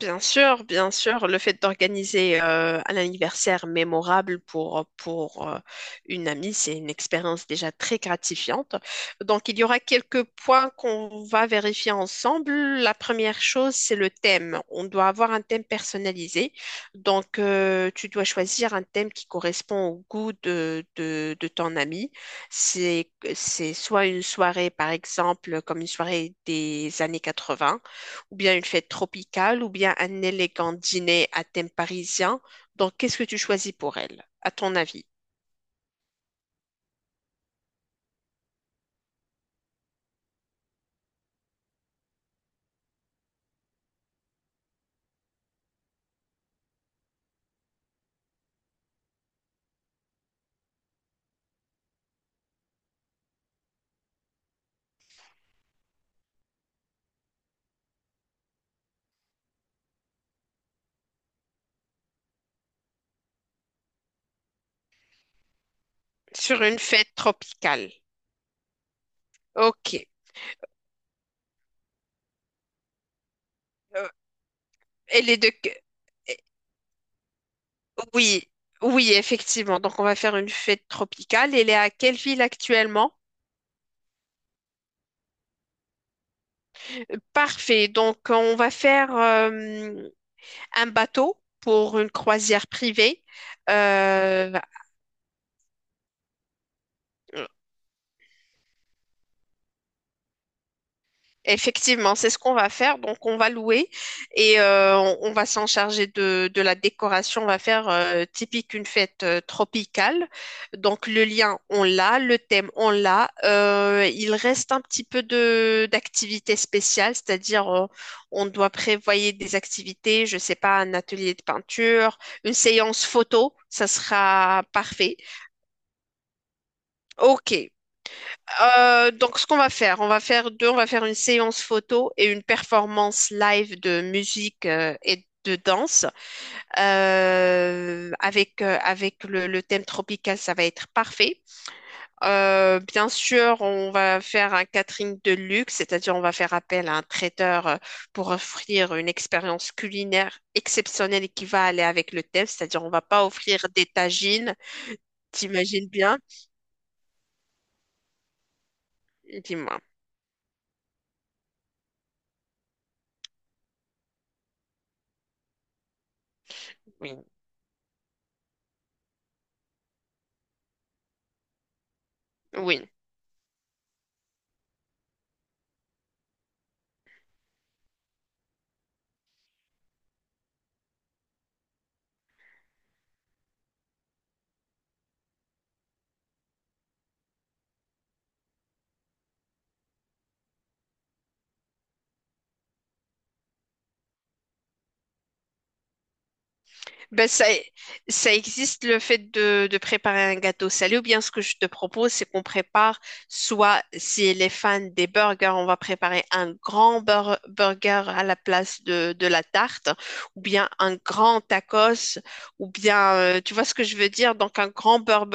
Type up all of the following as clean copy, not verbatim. Bien sûr, le fait d'organiser un anniversaire mémorable pour une amie, c'est une expérience déjà très gratifiante. Donc, il y aura quelques points qu'on va vérifier ensemble. La première chose, c'est le thème. On doit avoir un thème personnalisé. Donc, tu dois choisir un thème qui correspond au goût de ton amie. C'est soit une soirée, par exemple, comme une soirée des années 80 ou bien une fête tropicale, ou bien un élégant dîner à thème parisien. Donc, qu'est-ce que tu choisis pour elle, à ton avis? Sur une fête tropicale. Ok. Euh, elle est de... eh, Oui, oui, effectivement. Donc, on va faire une fête tropicale. Elle est à quelle ville actuellement? Euh, Parfait. Donc, on va faire un bateau pour une croisière privée. Euh, Effectivement, c'est ce qu'on va faire. Donc, on va louer et on va s'en charger de la décoration. On va faire typique une fête tropicale. Donc, le lien, on l'a, le thème, on l'a. Il reste un petit peu de d'activités spéciales, c'est-à-dire on doit prévoyer des activités, je sais pas, un atelier de peinture, une séance photo, ça sera parfait. Ok, donc, ce qu'on va faire, on va faire une séance photo et une performance live de musique et de danse. Avec le thème tropical, ça va être parfait. Bien sûr, on va faire un catering de luxe, c'est-à-dire on va faire appel à un traiteur pour offrir une expérience culinaire exceptionnelle et qui va aller avec le thème, c'est-à-dire on va pas offrir des tagines, t'imagines bien? Dis-moi, oui, oui. Ben ça existe le fait de préparer un gâteau salé ou bien ce que je te propose, c'est qu'on prépare soit si les fans des burgers, on va préparer un grand burger à la place de la tarte ou bien un grand tacos ou bien tu vois ce que je veux dire? Donc un grand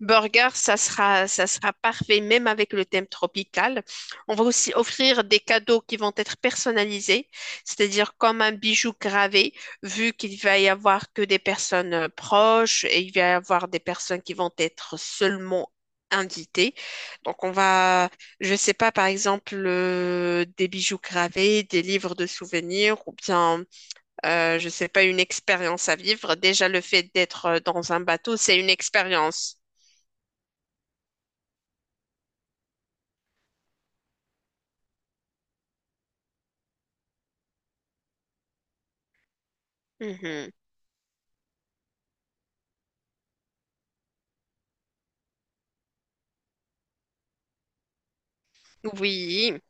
burger, ça sera parfait même avec le thème tropical. On va aussi offrir des cadeaux qui vont être personnalisés, c'est-à-dire comme un bijou gravé vu qu'il va y avoir que des personnes proches et il va y avoir des personnes qui vont être seulement invitées. Donc on va, je sais pas, par exemple, des bijoux gravés, des livres de souvenirs ou bien, je sais pas, une expérience à vivre. Déjà, le fait d'être dans un bateau, c'est une expérience. Mhm. Oui,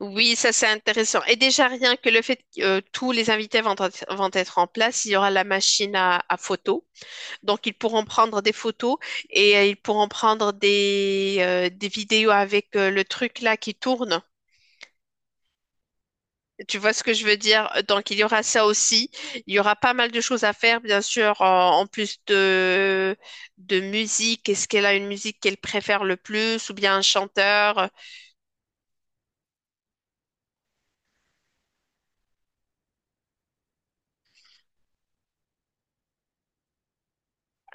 oui, ça c'est intéressant. Et déjà rien que le fait que tous les invités vont être en place, il y aura la machine à photos. Donc, ils pourront prendre des photos et ils pourront prendre des vidéos avec le truc là qui tourne. Tu vois ce que je veux dire? Donc, il y aura ça aussi. Il y aura pas mal de choses à faire, bien sûr, en plus de musique. Est-ce qu'elle a une musique qu'elle préfère le plus ou bien un chanteur,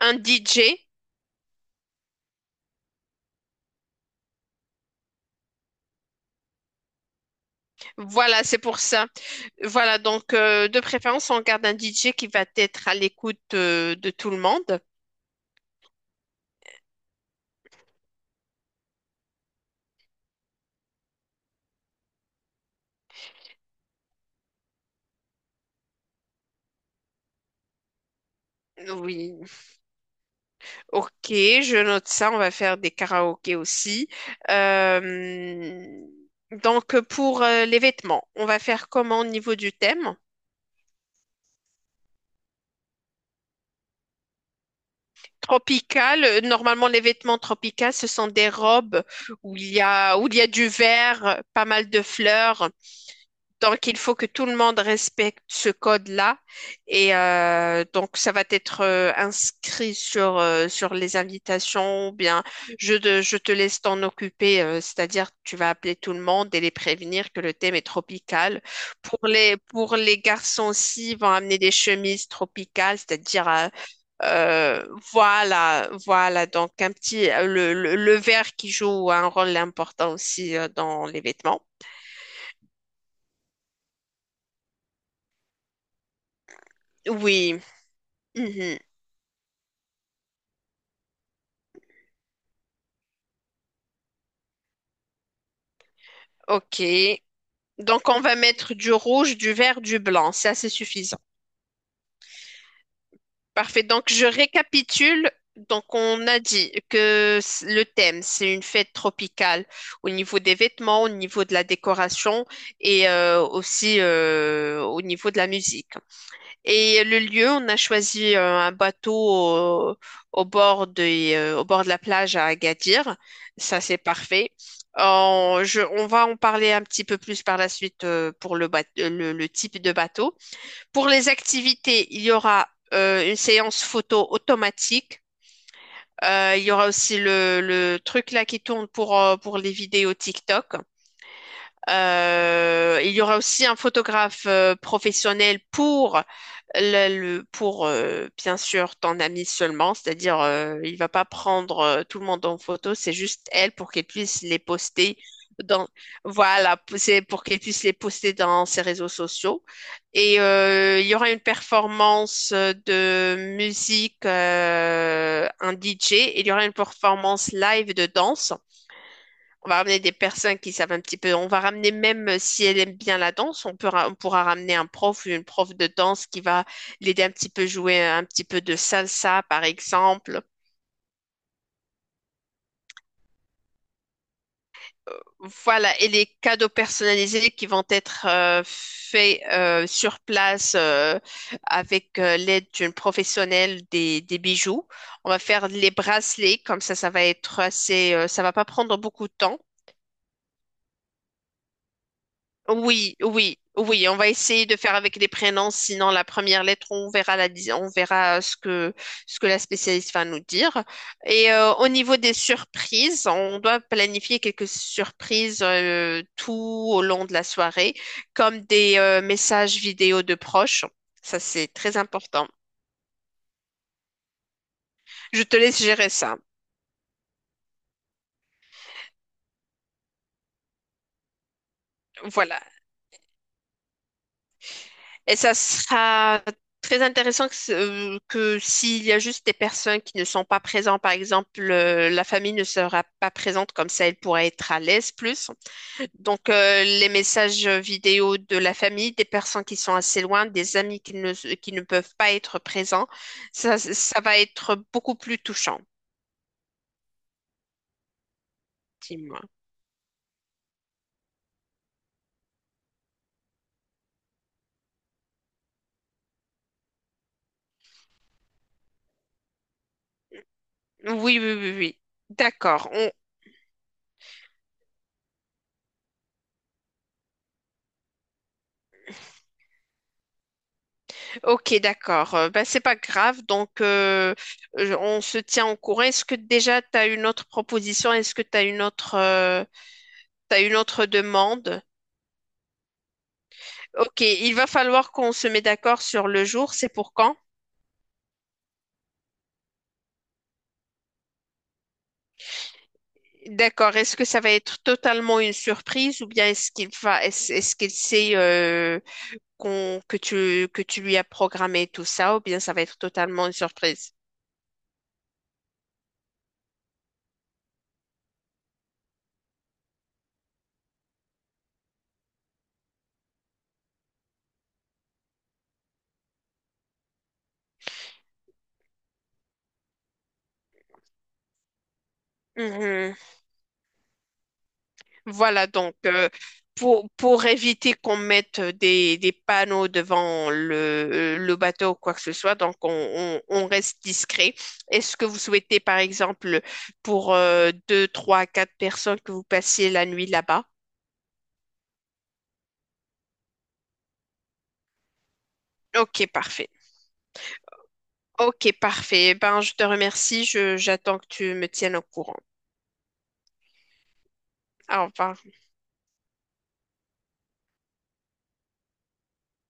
un DJ? Voilà, c'est pour ça. Voilà, donc de préférence, on garde un DJ qui va être à l'écoute de tout le monde. Oui, Ok, je note ça. On va faire des karaokés aussi. Euh, donc, pour les vêtements, on va faire comment au niveau du thème? Tropical. Normalement, les vêtements tropicaux, ce sont des robes où il y a du vert, pas mal de fleurs. Donc, il faut que tout le monde respecte ce code-là. Et donc, ça va être inscrit sur, sur les invitations ou bien je te laisse t'en occuper, c'est-à-dire tu vas appeler tout le monde et les prévenir que le thème est tropical. Pour les garçons aussi, ils vont amener des chemises tropicales, c'est-à-dire euh, voilà, voilà. Donc, un petit, le vert qui joue un rôle important aussi dans les vêtements. Oui. Mhm. Ok. Donc, on va mettre du rouge, du vert, du blanc. Ça, C'est assez suffisant. Parfait. Donc, je récapitule. Donc, on a dit que c- le thème, c'est une fête tropicale au niveau des vêtements, au niveau de la décoration et aussi au niveau de la musique. Et le lieu, on a choisi un bateau au, au bord des, au bord de la plage à Agadir. Ça, c'est parfait. On va en parler un petit peu plus par la suite pour le, le type de bateau. Pour les activités, il y aura une séance photo automatique. Il y aura aussi le truc là qui tourne pour les vidéos TikTok. Il y aura aussi un photographe professionnel pour le, pour bien sûr ton ami seulement, c'est-à-dire il va pas prendre tout le monde en photo, c'est juste elle pour qu'elle puisse les poster dans voilà, c'est pour qu'elle puisse les poster dans ses réseaux sociaux. Et il y aura une performance de musique, un DJ, et il y aura une performance live de danse. On va ramener des personnes qui savent un petit peu. On va ramener même si elle aime bien la danse, on peut on pourra ramener un prof ou une prof de danse qui va l'aider un petit peu jouer un petit peu de salsa, par exemple. Voilà, et les cadeaux personnalisés qui vont être faits sur place avec l'aide d'une professionnelle des bijoux. On va faire les bracelets, comme ça va être assez, ça va pas prendre beaucoup de temps. Oui, oui, oui, on va essayer de faire avec les prénoms, sinon la première lettre, on verra on verra ce que la spécialiste va nous dire. Et au niveau des surprises, on doit planifier quelques surprises tout au long de la soirée, comme des messages vidéo de proches. Ça, c'est très important. Je te laisse gérer ça. Voilà. Et ça sera très intéressant que s'il y a juste des personnes qui ne sont pas présentes, par exemple, la famille ne sera pas présente, comme ça elle pourra être à l'aise plus. Donc, les messages vidéo de la famille, des personnes qui sont assez loin, des amis qui ne peuvent pas être présents, ça va être beaucoup plus touchant, dis-moi. Oui, oui, oui, oui. D'accord. Ok, d'accord. Ben, c'est pas grave. Donc, on se tient au courant. Est-ce que déjà tu as une autre proposition? Est-ce que tu as une autre, t'as une autre demande? Ok, il va falloir qu'on se mette d'accord sur le jour. C'est pour quand? D'accord. Est-ce que ça va être totalement une surprise ou bien est-ce qu'il va, est-ce qu'il sait qu'on, que tu lui as programmé tout ça ou bien ça va être totalement une surprise? Voilà, donc pour éviter qu'on mette des panneaux devant le bateau ou quoi que ce soit, on reste discret. Est-ce que vous souhaitez, par exemple, pour deux, trois, quatre personnes que vous passiez la nuit là-bas? Ok, parfait. Ok, parfait. Eh Ben, je te remercie. J'attends que tu me tiennes au courant. Au revoir.